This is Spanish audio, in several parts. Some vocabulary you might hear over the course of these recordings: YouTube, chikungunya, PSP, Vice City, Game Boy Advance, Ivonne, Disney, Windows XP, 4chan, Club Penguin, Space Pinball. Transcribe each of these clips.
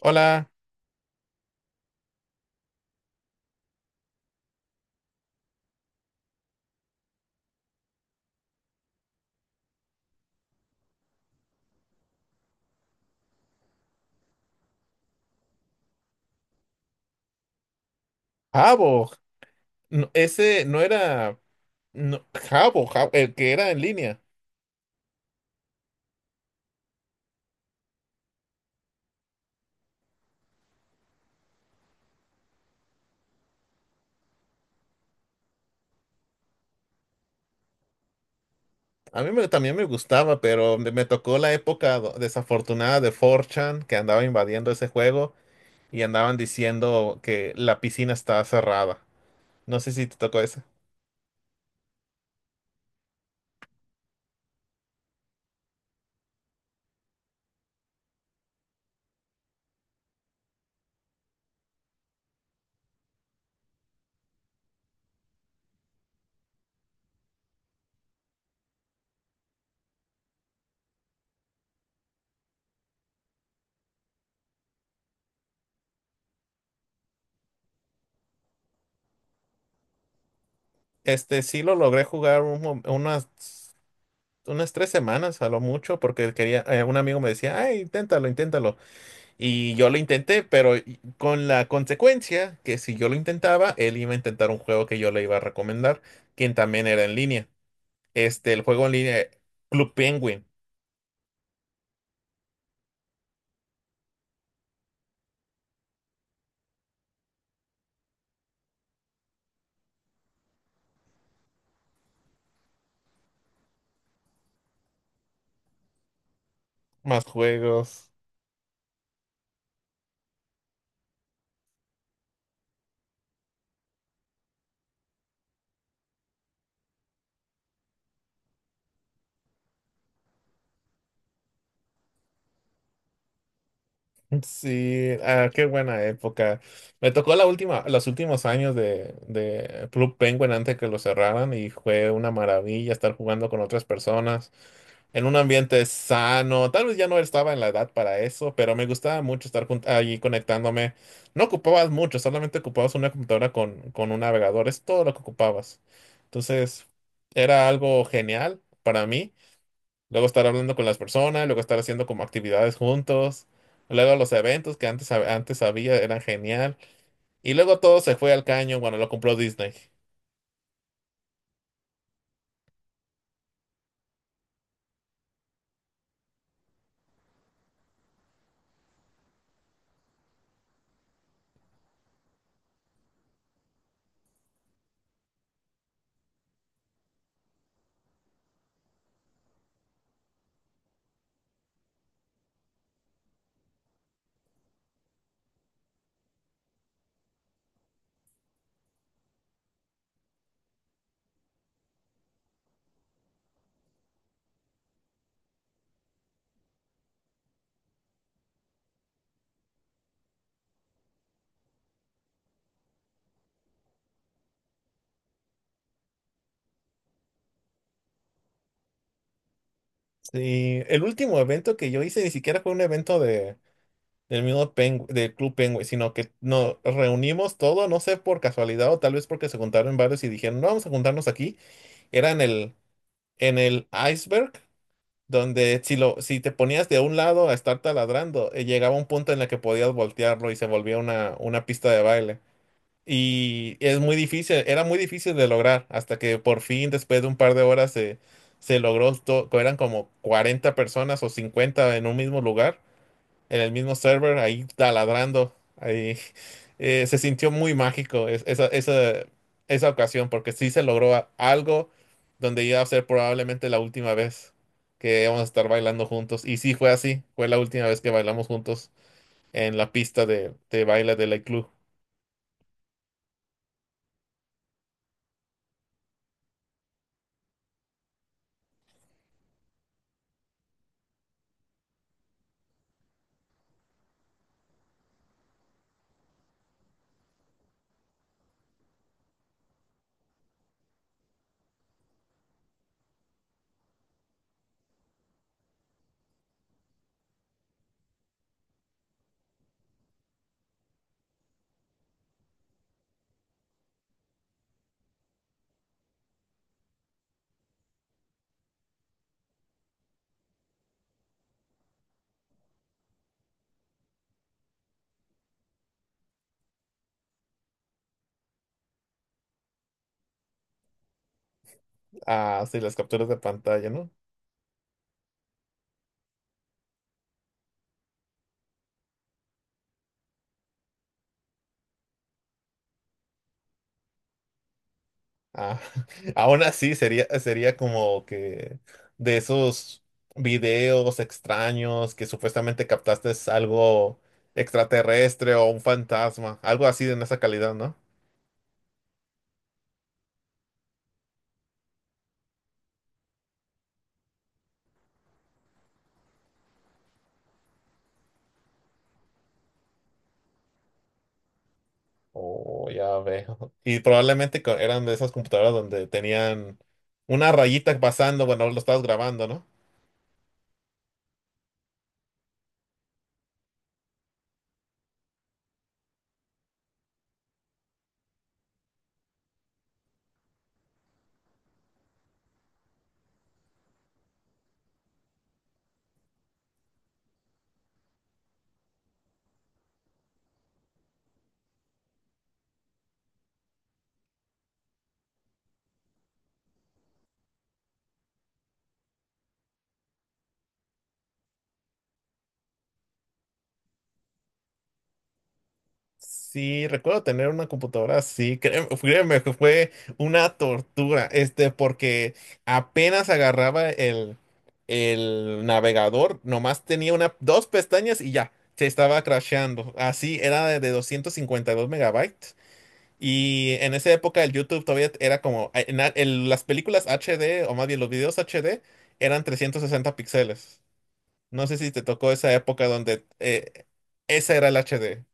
Hola, Jabo. No, ese no era no, Jabo, el que era en línea. También me gustaba, pero me tocó la época desafortunada de 4chan que andaba invadiendo ese juego y andaban diciendo que la piscina estaba cerrada. No sé si te tocó ese. Este sí lo logré jugar unas tres semanas a lo mucho porque quería, un amigo me decía, ay, inténtalo, inténtalo. Y yo lo intenté, pero con la consecuencia que si yo lo intentaba, él iba a intentar un juego que yo le iba a recomendar, quien también era en línea. Este, el juego en línea, Club Penguin, más juegos. Sí, ah, qué buena época. Me tocó la última, los últimos años de Club Penguin antes que lo cerraran y fue una maravilla estar jugando con otras personas en un ambiente sano. Tal vez ya no estaba en la edad para eso, pero me gustaba mucho estar allí conectándome. No ocupabas mucho, solamente ocupabas una computadora con un navegador, es todo lo que ocupabas. Entonces, era algo genial para mí. Luego estar hablando con las personas, luego estar haciendo como actividades juntos. Luego los eventos que antes había eran genial. Y luego todo se fue al caño cuando lo compró Disney. Sí, el último evento que yo hice ni siquiera fue un evento de del mismo Pengu- del Club Penguin, sino que nos reunimos todo, no sé por casualidad o tal vez porque se juntaron varios y dijeron, no, vamos a juntarnos aquí. Era en en el iceberg, donde si te ponías de un lado a estar taladrando, llegaba un punto en el que podías voltearlo y se volvía una pista de baile. Era muy difícil de lograr, hasta que por fin, después de un par de horas, se logró, eran como 40 personas o 50 en un mismo lugar en el mismo server, ahí taladrando, ahí, se sintió muy mágico esa ocasión, porque sí se logró algo donde iba a ser probablemente la última vez que íbamos a estar bailando juntos. Y sí fue así, fue la última vez que bailamos juntos en la pista de baile de la club. Ah, sí, las capturas de pantalla, ¿no? Ah, aún así sería, sería como que de esos videos extraños que supuestamente captaste es algo extraterrestre o un fantasma, algo así de esa calidad, ¿no? Oh, ya veo. Y probablemente eran de esas computadoras donde tenían una rayita pasando, bueno, lo estabas grabando, ¿no? Sí, recuerdo tener una computadora así, créeme, créeme que fue una tortura, este, porque apenas agarraba el navegador, nomás tenía una, dos pestañas y ya, se estaba crasheando. Así era de 252 megabytes. Y en esa época el YouTube todavía era como, en en las películas HD, o más bien los videos HD, eran 360 píxeles. No sé si te tocó esa época donde esa era el HD.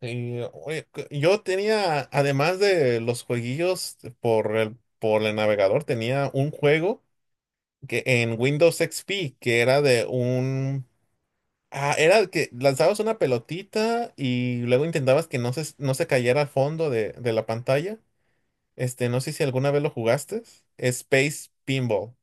Y, oye, yo tenía, además de los jueguillos por por el navegador, tenía un juego que en Windows XP que era de un... Ah, era que lanzabas una pelotita y luego intentabas que no se cayera al fondo de la pantalla. Este, no sé si alguna vez lo jugaste. Space Pinball.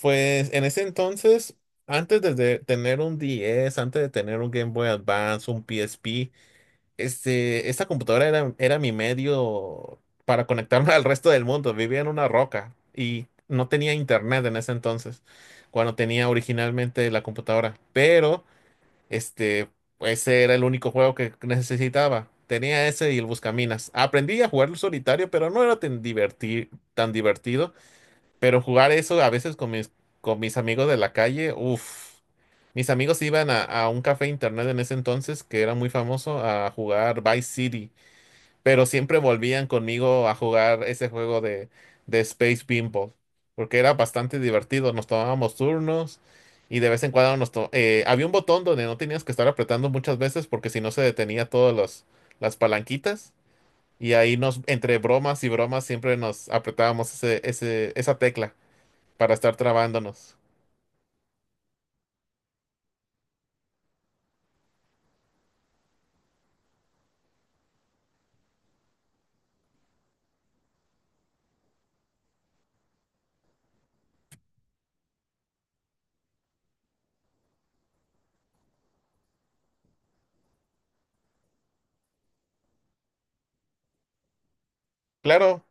Pues en ese entonces, antes de tener un 10, antes de tener un Game Boy Advance, un PSP, este, esta computadora era, era mi medio para conectarme al resto del mundo. Vivía en una roca y no tenía internet en ese entonces, cuando tenía originalmente la computadora. Pero, este, ese era el único juego que necesitaba. Tenía ese y el Buscaminas. Aprendí a jugarlo solitario, pero no era tan divertido, pero jugar eso a veces con con mis amigos de la calle, uff. Mis amigos iban a un café internet en ese entonces que era muy famoso a jugar Vice City, pero siempre volvían conmigo a jugar ese juego de Space Pinball, porque era bastante divertido. Nos tomábamos turnos y de vez en cuando había un botón donde no tenías que estar apretando muchas veces porque si no se detenía todas las palanquitas y ahí nos, entre bromas y bromas, siempre nos apretábamos esa tecla para estar trabándonos. Claro,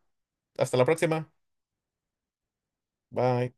hasta la próxima. Bye.